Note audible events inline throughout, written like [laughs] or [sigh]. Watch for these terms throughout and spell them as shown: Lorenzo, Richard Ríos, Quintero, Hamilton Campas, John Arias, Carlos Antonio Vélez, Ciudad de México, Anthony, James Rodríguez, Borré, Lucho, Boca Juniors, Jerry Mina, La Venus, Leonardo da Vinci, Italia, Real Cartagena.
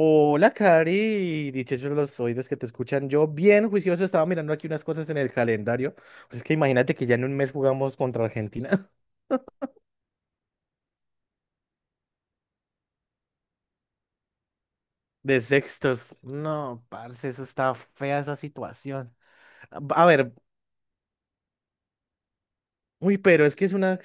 Hola, Cari, dichosos los oídos que te escuchan. Yo, bien juicioso, estaba mirando aquí unas cosas en el calendario. Pues es que imagínate que ya en un mes jugamos contra Argentina [laughs] de sextos. No, parce, eso está fea esa situación. A ver, uy, pero es que es una.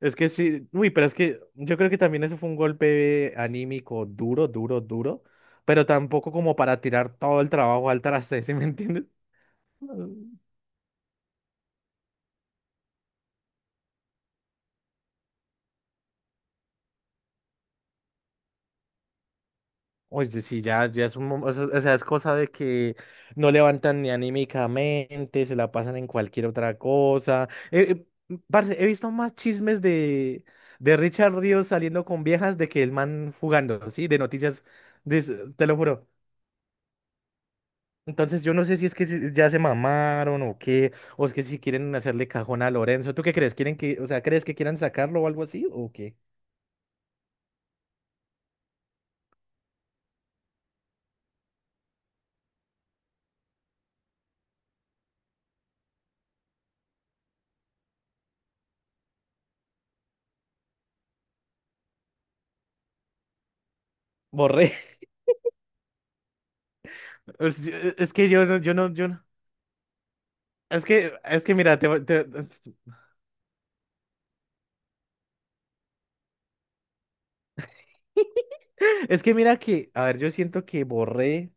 Es que sí, uy, pero es que yo creo que también eso fue un golpe anímico duro, duro, duro, pero tampoco como para tirar todo el trabajo al traste, [laughs] ¿sí me entiendes? [laughs] Oye, sí, ya, ya es un, o sea, es cosa de que no levantan ni anímicamente, se la pasan en cualquier otra cosa. Parce, he visto más chismes de, Richard Ríos saliendo con viejas de que el man jugando, ¿sí? De noticias, te lo juro. Entonces yo no sé si es que ya se mamaron o qué, o es que si quieren hacerle cajón a Lorenzo. ¿Tú qué crees? ¿Quieren que, o sea, crees que quieran sacarlo o algo así o qué? Borré. [laughs] Es que yo no, yo no, yo no. Es que mira, es que mira que, a ver, yo siento que borré,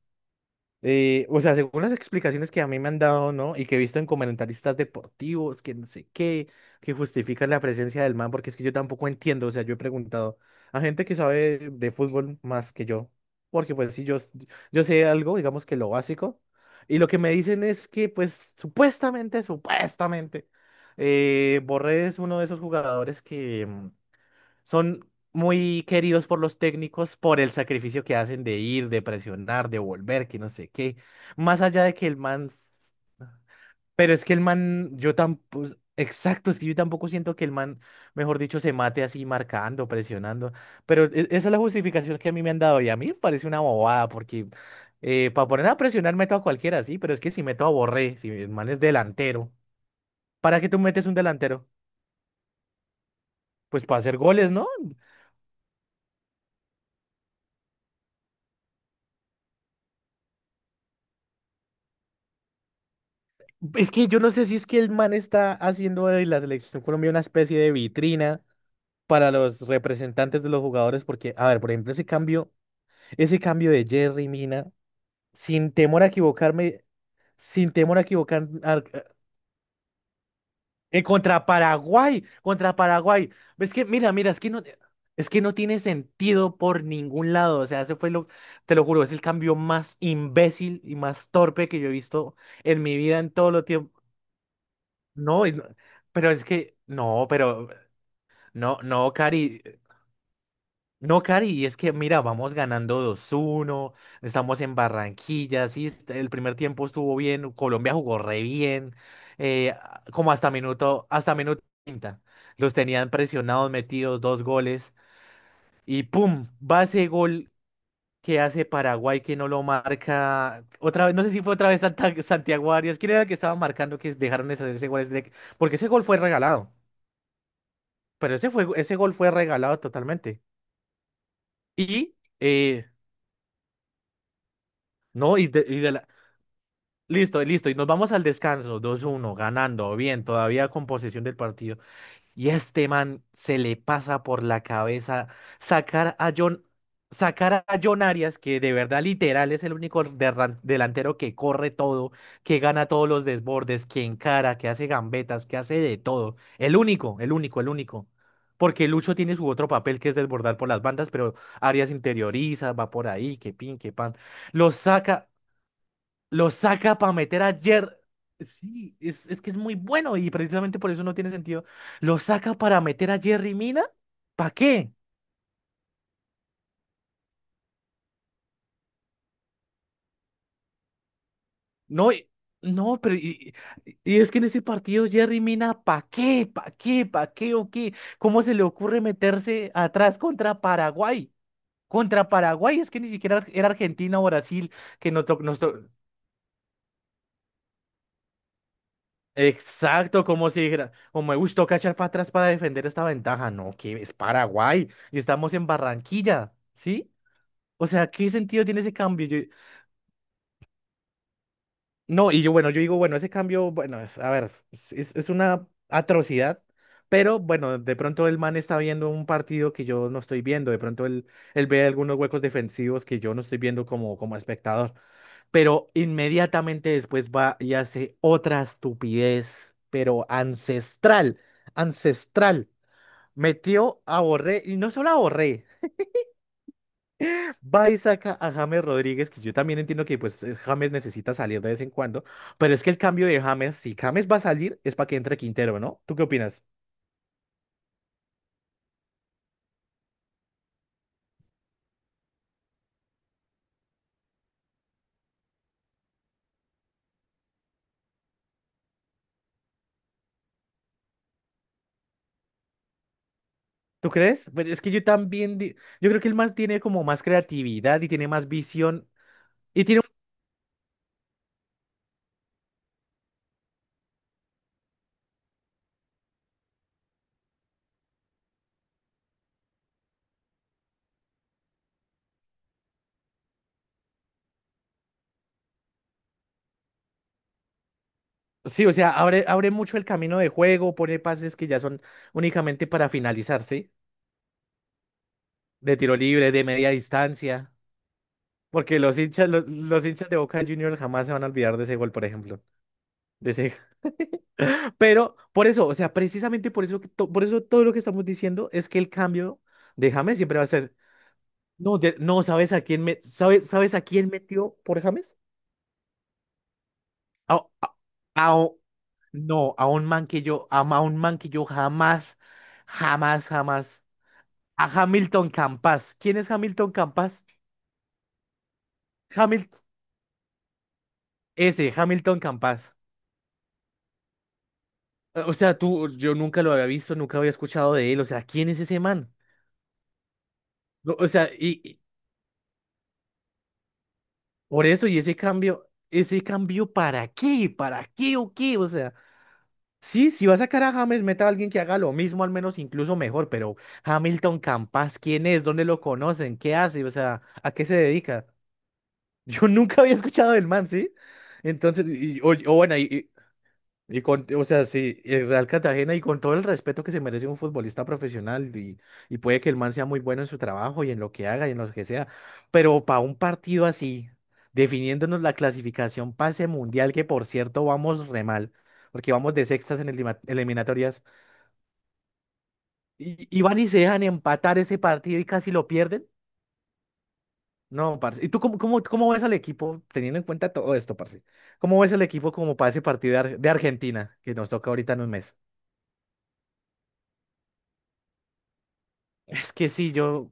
o sea, según las explicaciones que a mí me han dado, ¿no? Y que he visto en comentaristas deportivos, que no sé qué, que justifican la presencia del man, porque es que yo tampoco entiendo, o sea, yo he preguntado a gente que sabe de fútbol más que yo, porque pues sí, yo sé algo, digamos que lo básico, y lo que me dicen es que pues supuestamente, Borré es uno de esos jugadores que... son muy queridos por los técnicos por el sacrificio que hacen de ir, de presionar, de volver, que no sé qué. Más allá de que el man... Pero es que el man, yo tampoco... Exacto, es que yo tampoco siento que el man, mejor dicho, se mate así marcando, presionando. Pero esa es la justificación que a mí me han dado y a mí me parece una bobada porque para poner a presionar meto a cualquiera, sí, pero es que si meto a Borré, si el man es delantero, ¿para qué tú metes un delantero? Pues para hacer goles, ¿no? Es que yo no sé si es que el man está haciendo de la selección Colombia una especie de vitrina para los representantes de los jugadores, porque, a ver, por ejemplo, ese cambio de Jerry Mina, sin temor a equivocarme, sin temor a equivocar, a- contra Paraguay, contra Paraguay. Es que, mira, mira, es que no tiene sentido por ningún lado. O sea, ese fue lo, te lo juro, es el cambio más imbécil y más torpe que yo he visto en mi vida en todo, lo. No, pero es que, no, pero, no, no, Cari, no, Cari, y es que, mira, vamos ganando 2-1, estamos en Barranquilla, sí, el primer tiempo estuvo bien, Colombia jugó re bien, como hasta minuto 30 los tenían presionados, metidos dos goles, y pum, va ese gol que hace Paraguay que no lo marca, otra vez, no sé si fue otra vez Santiago Arias, ¿quién era el que estaba marcando que dejaron de hacer ese gol? Porque ese gol fue regalado. Pero ese fue, ese gol fue regalado totalmente. Y, eh, no, y de la... Listo, listo, y nos vamos al descanso, 2-1 ganando, bien, todavía con posesión del partido. Y a este man se le pasa por la cabeza sacar a John, sacar a John Arias, que de verdad literal es el único delantero que corre todo, que gana todos los desbordes, que encara, que hace gambetas, que hace de todo. El único, el único, el único. Porque Lucho tiene su otro papel que es desbordar por las bandas, pero Arias interioriza, va por ahí, que pin, que pan. Lo saca. Lo saca para meter a Jer. Sí, es que es muy bueno y precisamente por eso no tiene sentido. Lo saca para meter a Jerry Mina. ¿Para qué? No, no, pero y, y es que en ese partido Jerry Mina, ¿para qué? ¿Para qué? ¿Para qué o qué? ¿Cómo se le ocurre meterse atrás contra Paraguay? Contra Paraguay, es que ni siquiera era Argentina o Brasil que exacto, como si dijera, como me gustó cachar para atrás para defender esta ventaja. No, que es Paraguay y estamos en Barranquilla, ¿sí? O sea, ¿qué sentido tiene ese cambio? Yo. No, y yo, bueno, yo digo, bueno, ese cambio, bueno, es- a ver, es una atrocidad, pero bueno, de pronto el man está viendo un partido que yo no estoy viendo, de pronto él, él ve algunos huecos defensivos que yo no estoy viendo como, como espectador. Pero inmediatamente después va y hace otra estupidez, pero ancestral, ancestral. Metió a Borré, y no solo a Borré, va y saca a James Rodríguez, que yo también entiendo que pues James necesita salir de vez en cuando, pero es que el cambio de James, si James va a salir, es para que entre Quintero, ¿no? ¿Tú qué opinas? ¿Tú crees? Pues es que yo también, yo creo que él más tiene como más creatividad y tiene más visión y tiene. Sí, o sea, abre, abre mucho el camino de juego, pone pases que ya son únicamente para finalizar, ¿sí? De tiro libre, de media distancia. Porque los hinchas de Boca Juniors jamás se van a olvidar de ese gol, por ejemplo. De ese... [laughs] Pero por eso, o sea, precisamente por eso, por eso todo lo que estamos diciendo es que el cambio de James siempre va a ser. No, no, ¿sabes a quién me, sabes, sabes a quién metió por James? A, a- a un- no, a un man que yo, un man que yo jamás, jamás, jamás a Hamilton Campas. ¿Quién es Hamilton Campas? Hamil ese, Hamilton Campas. O sea, tú, yo nunca lo había visto, nunca había escuchado de él. O sea, ¿quién es ese man? No, o sea, y por eso, ese cambio, ¿para qué? ¿Para qué o qué? O sea, sí, si va a sacar a James, meta a alguien que haga lo mismo, al menos incluso mejor, pero Hamilton Campas, ¿quién es? ¿Dónde lo conocen? ¿Qué hace? O sea, ¿a qué se dedica? [laughs] Yo nunca había escuchado del man, ¿sí? Entonces, o bueno, y con, o sea, sí, el Real Cartagena y con todo el respeto que se merece un futbolista profesional y puede que el man sea muy bueno en su trabajo y en lo que haga y en lo que sea, pero para un partido así, definiéndonos la clasificación pase mundial, que por cierto vamos re mal, porque vamos de sextas en eliminatorias, y van y se dejan empatar ese partido y casi lo pierden. No, parce. ¿Y tú cómo, cómo, cómo ves al equipo, teniendo en cuenta todo esto, parce? ¿Cómo ves al equipo como para ese partido de, Argentina que nos toca ahorita en un mes? Es que sí, yo...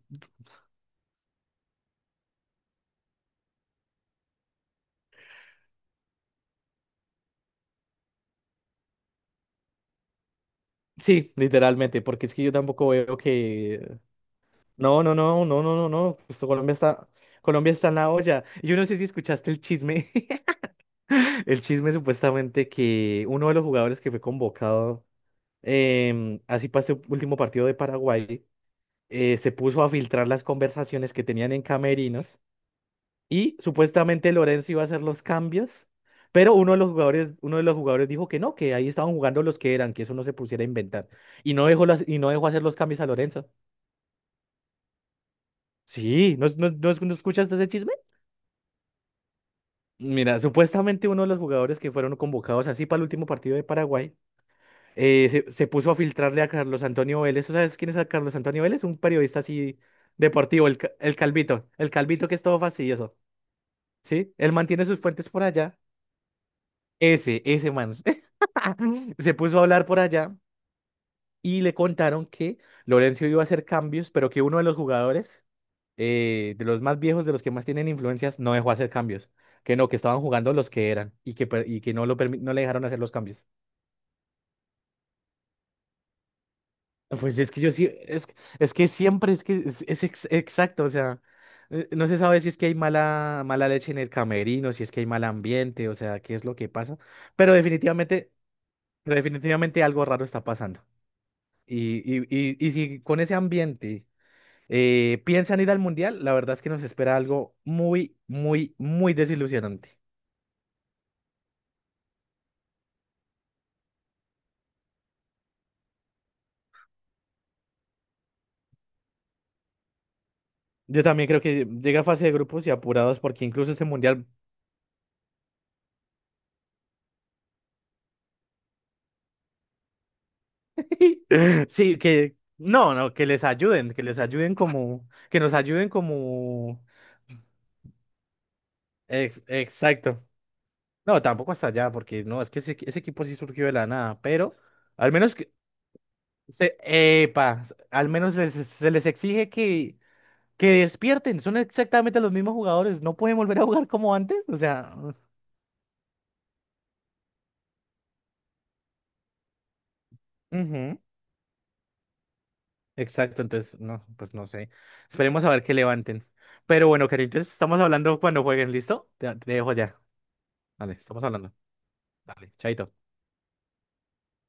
Sí, literalmente, porque es que yo tampoco veo que... No, no, no, no, no, no, no. Esto Colombia está en la olla. Yo no sé si escuchaste el chisme. [laughs] El chisme supuestamente que uno de los jugadores que fue convocado así para este último partido de Paraguay se puso a filtrar las conversaciones que tenían en camerinos y supuestamente Lorenzo iba a hacer los cambios, pero uno de los jugadores, uno de los jugadores dijo que no, que ahí estaban jugando los que eran, que eso no se pusiera a inventar. Y no dejó las, y no dejó hacer los cambios a Lorenzo. Sí, ¿ no escuchaste ese chisme? Mira, supuestamente uno de los jugadores que fueron convocados así para el último partido de Paraguay se puso a filtrarle a Carlos Antonio Vélez. ¿Tú sabes quién es a Carlos Antonio Vélez? Un periodista así deportivo, el calvito que es todo fastidioso. ¿Sí? Él mantiene sus fuentes por allá. Ese man. [laughs] [laughs] Se puso a hablar por allá y le contaron que Lorenzo iba a hacer cambios, pero que uno de los jugadores, de los más viejos, de los que más tienen influencias, no dejó hacer cambios. Que no, que estaban jugando los que eran y que, y que no, no le dejaron hacer los cambios. Pues es que yo sí, es que siempre es que exacto, o sea, no se sabe si es que hay mala, mala leche en el camerino, si es que hay mal ambiente, o sea, qué es lo que pasa, pero definitivamente, pero definitivamente algo raro está pasando. Y si con ese ambiente. ¿Piensan ir al mundial? La verdad es que nos espera algo muy, muy, muy desilusionante. Yo también creo que llega a fase de grupos y apurados porque incluso este mundial, [laughs] sí, que no, no, que les ayuden como, que nos ayuden como, exacto. No, tampoco hasta allá porque no, es que ese equipo sí surgió de la nada, pero al menos que, se, epa, se les exige que despierten, son exactamente los mismos jugadores, no pueden volver a jugar como antes, o sea, ujú, exacto, entonces, no, pues no sé. Esperemos a ver que levanten. Pero bueno, cariño, entonces estamos hablando cuando jueguen, ¿listo? Te dejo ya. Dale, estamos hablando. Dale, chaito.